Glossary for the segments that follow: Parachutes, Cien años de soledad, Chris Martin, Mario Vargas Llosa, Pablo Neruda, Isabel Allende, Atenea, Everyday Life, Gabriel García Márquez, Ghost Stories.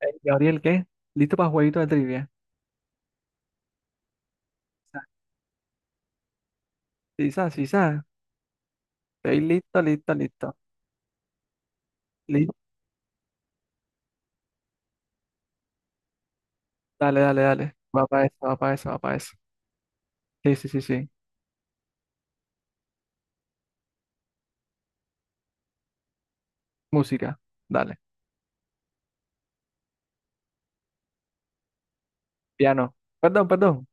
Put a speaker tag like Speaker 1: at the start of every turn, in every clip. Speaker 1: Gabriel, ¿qué? ¿Listo para jueguito de trivia? Sí, sa, sí, sa. Estoy listo, listo, listo. Listo. Dale, dale, dale. Va para eso, va para eso, va para eso. Sí, sí, sí, sí. Música. Dale. Piano. Perdón, perdón.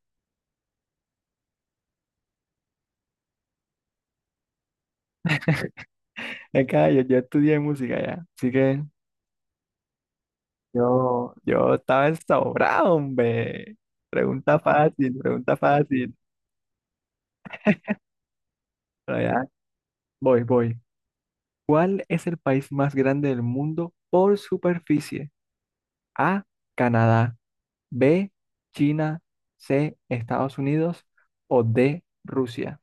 Speaker 1: Es que yo estudié música ya. Así que yo estaba sobrado, hombre. Pregunta fácil, pregunta fácil. Pero ya, voy. ¿Cuál es el país más grande del mundo por superficie? A, Canadá. B, China. C, Estados Unidos o D, Rusia.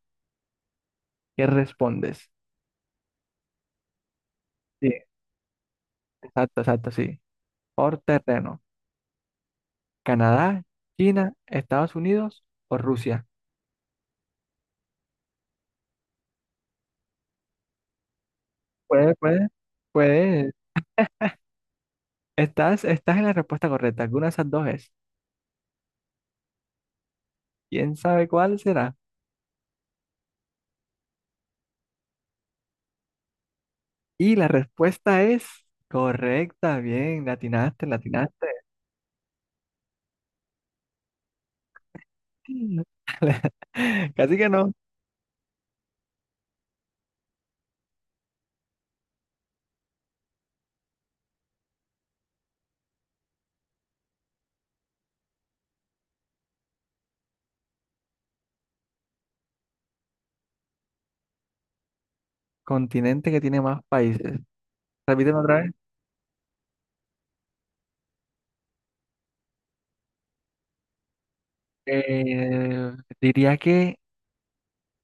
Speaker 1: ¿Qué respondes? Sí, exacto, exacto, sí. Por terreno, Canadá, China, Estados Unidos o Rusia. Puede, puede, puede. Estás en la respuesta correcta. Alguna de esas dos es. ¿Quién sabe cuál será? Y la respuesta es correcta. Bien, latinaste, latinaste. Casi que no. Continente que tiene más países. Repíteme otra vez. Eh, diría que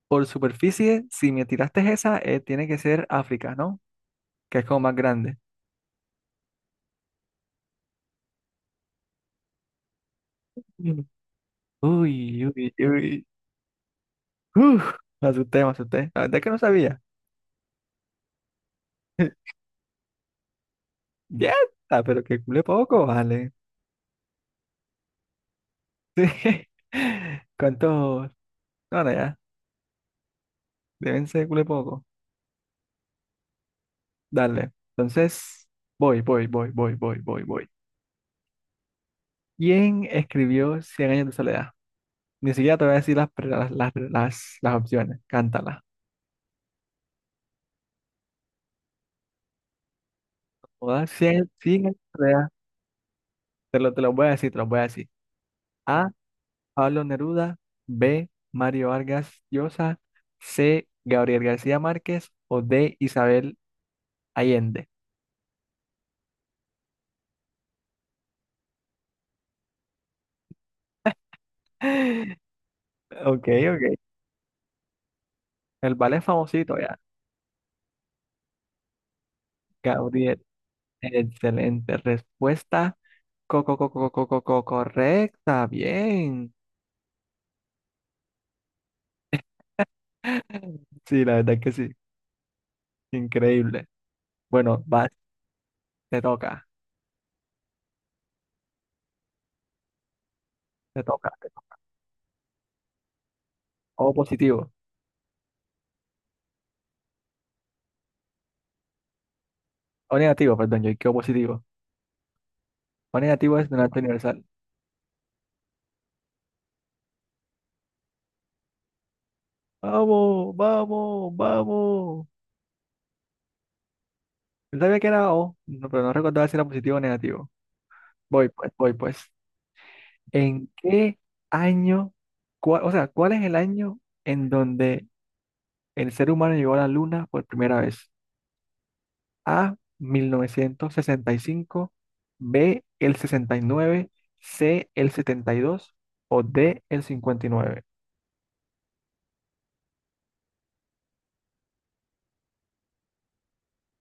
Speaker 1: por superficie, si me tiraste esa, tiene que ser África, ¿no? Que es como más grande. Mm. Uy, uy, uy. Uf, me asusté, me asusté. La verdad es que no sabía. Ya, está, pero que cule poco, vale. Sí. ¿Cuántos? No, no, ya. Deben ser cule poco. Dale. Entonces, voy, voy, voy, voy, voy, voy, voy. ¿Quién escribió Cien años de soledad? Ni siquiera te voy a decir las, pre- las opciones. Cántala. Todas, Cien años de soledad. Te lo voy a decir. A. Pablo Neruda. B. Mario Vargas Llosa. C. Gabriel García Márquez. O D. Isabel Allende. Ok, ok. El ballet es famosito ya. Gabriel, excelente respuesta. Correcta. Bien. Sí, la verdad es que sí. Increíble. Bueno, te toca, te toca. Te toca. O positivo. O negativo, perdón, yo dije O positivo. O negativo es donante universal. Vamos, vamos, vamos. Yo sabía que era O, pero no recordaba si era positivo o negativo. Voy pues, voy pues. ¿En qué año, cuál es el año en donde el ser humano llegó a la Luna por primera vez? A, 1965, B, el 69, C, el 72 o D, el 59.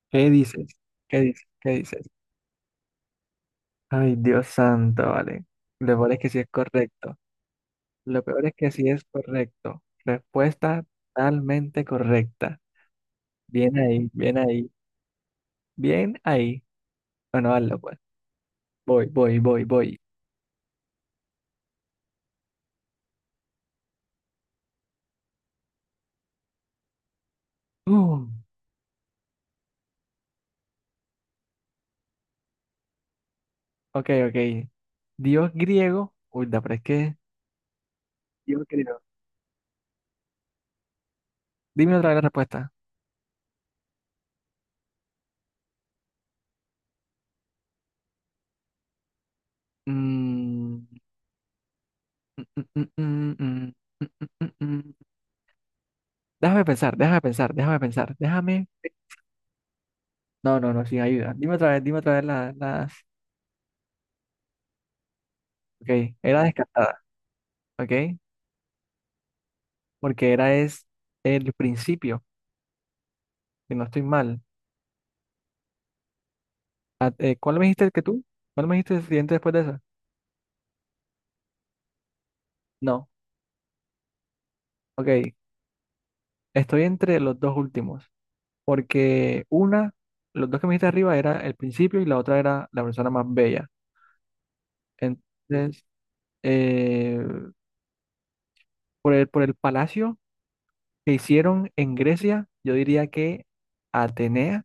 Speaker 1: ¿Qué dices? ¿Qué dices? ¿Qué dices? Ay, Dios santo, vale. Lo peor es que sí es correcto. Lo peor es que sí es correcto. Respuesta totalmente correcta. Bien ahí, bien ahí, bien ahí. Bueno, hazlo pues. Voy, voy, voy, voy. Uh, ok, ok. Dios griego. Uy, pero es que. Dios griego. Dime otra vez la respuesta. Mm, mm, mm, mm, mm, mm, mm, mm, mm. Déjame pensar, déjame pensar, déjame pensar. Déjame. No, no, no, sin ayuda. Dime otra vez, las. Ok, era descartada, ok. Porque era es el principio. Si no estoy mal. ¿Cuál me dijiste que tú? ¿Cuál me dijiste el siguiente después de esa? No, ok. Estoy entre los dos últimos, porque una, los dos que me dijiste arriba era el principio y la otra era la persona más bella. Entonces, eh, por el palacio que hicieron en Grecia, yo diría que Atenea,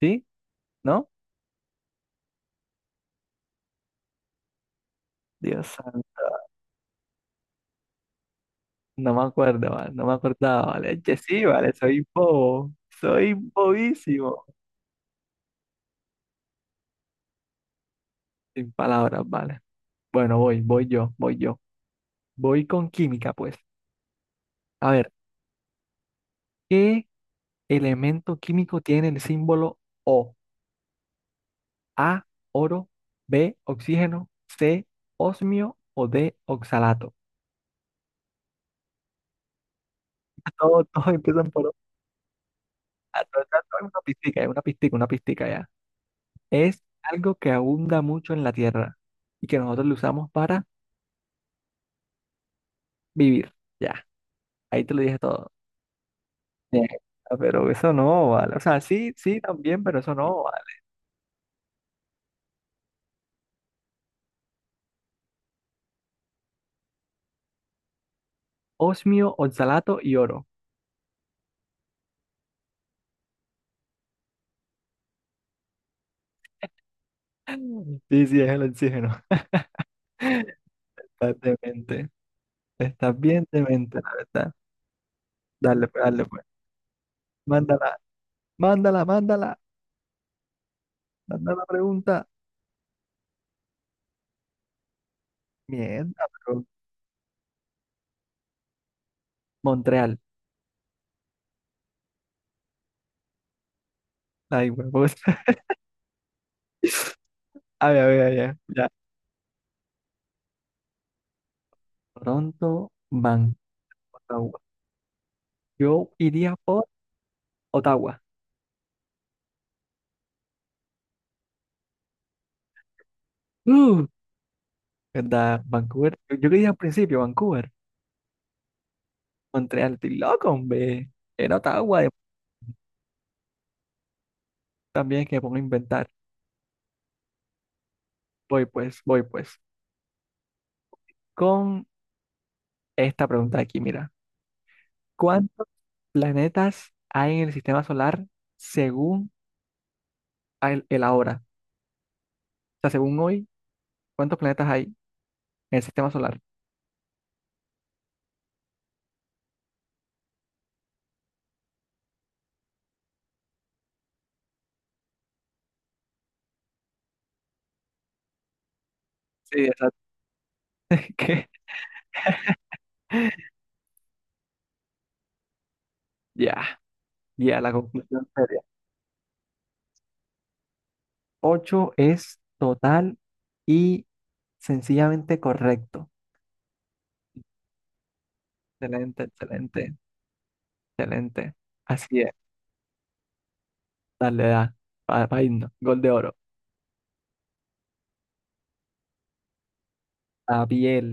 Speaker 1: ¿sí? ¿No? Dios santo, no me acuerdo, vale, no me acordaba, vale. Che, sí, vale, soy bobo, soy bobísimo, sin palabras, vale. Bueno, voy yo, voy yo. Voy con química, pues. A ver, ¿qué elemento químico tiene el símbolo O? A, oro, B, oxígeno, C, osmio o D, oxalato. Todos empiezan por O. Ah, todo es una pistica ya. Es algo que abunda mucho en la Tierra y que nosotros lo usamos para vivir. Ya, ahí te lo dije todo. Bien. Ah, pero eso no vale. O sea, sí, sí, también, pero eso no vale. Osmio, oxalato y oro. Sí, sí, es el oxígeno. Estás demente. Estás bien demente, la verdad. Dale, pues, dale, pues. Mándala, mándala, mándala. Manda la pregunta. Mierda, pero. Montreal. Ay, huevos. A ver, a ver, a ver. Ya. Toronto, Vancouver, Ottawa. Yo iría por Ottawa. Uh, ¿Verdad? Vancouver. Yo quería al principio Vancouver. Montreal, estoy loco, hombre. Era Ottawa. Y también que me pongo a inventar. Voy pues, voy pues. Con esta pregunta de aquí, mira. ¿Cuántos planetas hay en el sistema solar según el ahora? O sea, según hoy, ¿cuántos planetas hay en el sistema solar? Sí, exacto. que ya, ya, la conclusión seria ocho es total y sencillamente correcto. Excelente, excelente, excelente. Así es. Dale, da. Para irnos. Gol de oro. La piel.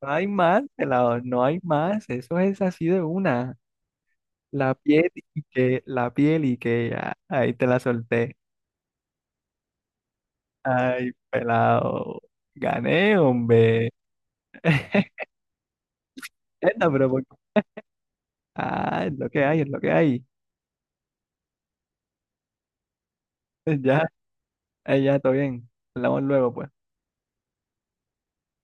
Speaker 1: No hay más, pelado, no hay más. Eso es así de una. La piel y que, la piel y que ya, ahí te la solté. Ay, pelado. Gané, hombre. Esta, pero por- Ah, es lo que hay, es lo que hay. Ya, ya, todo bien. Hablamos luego, pues.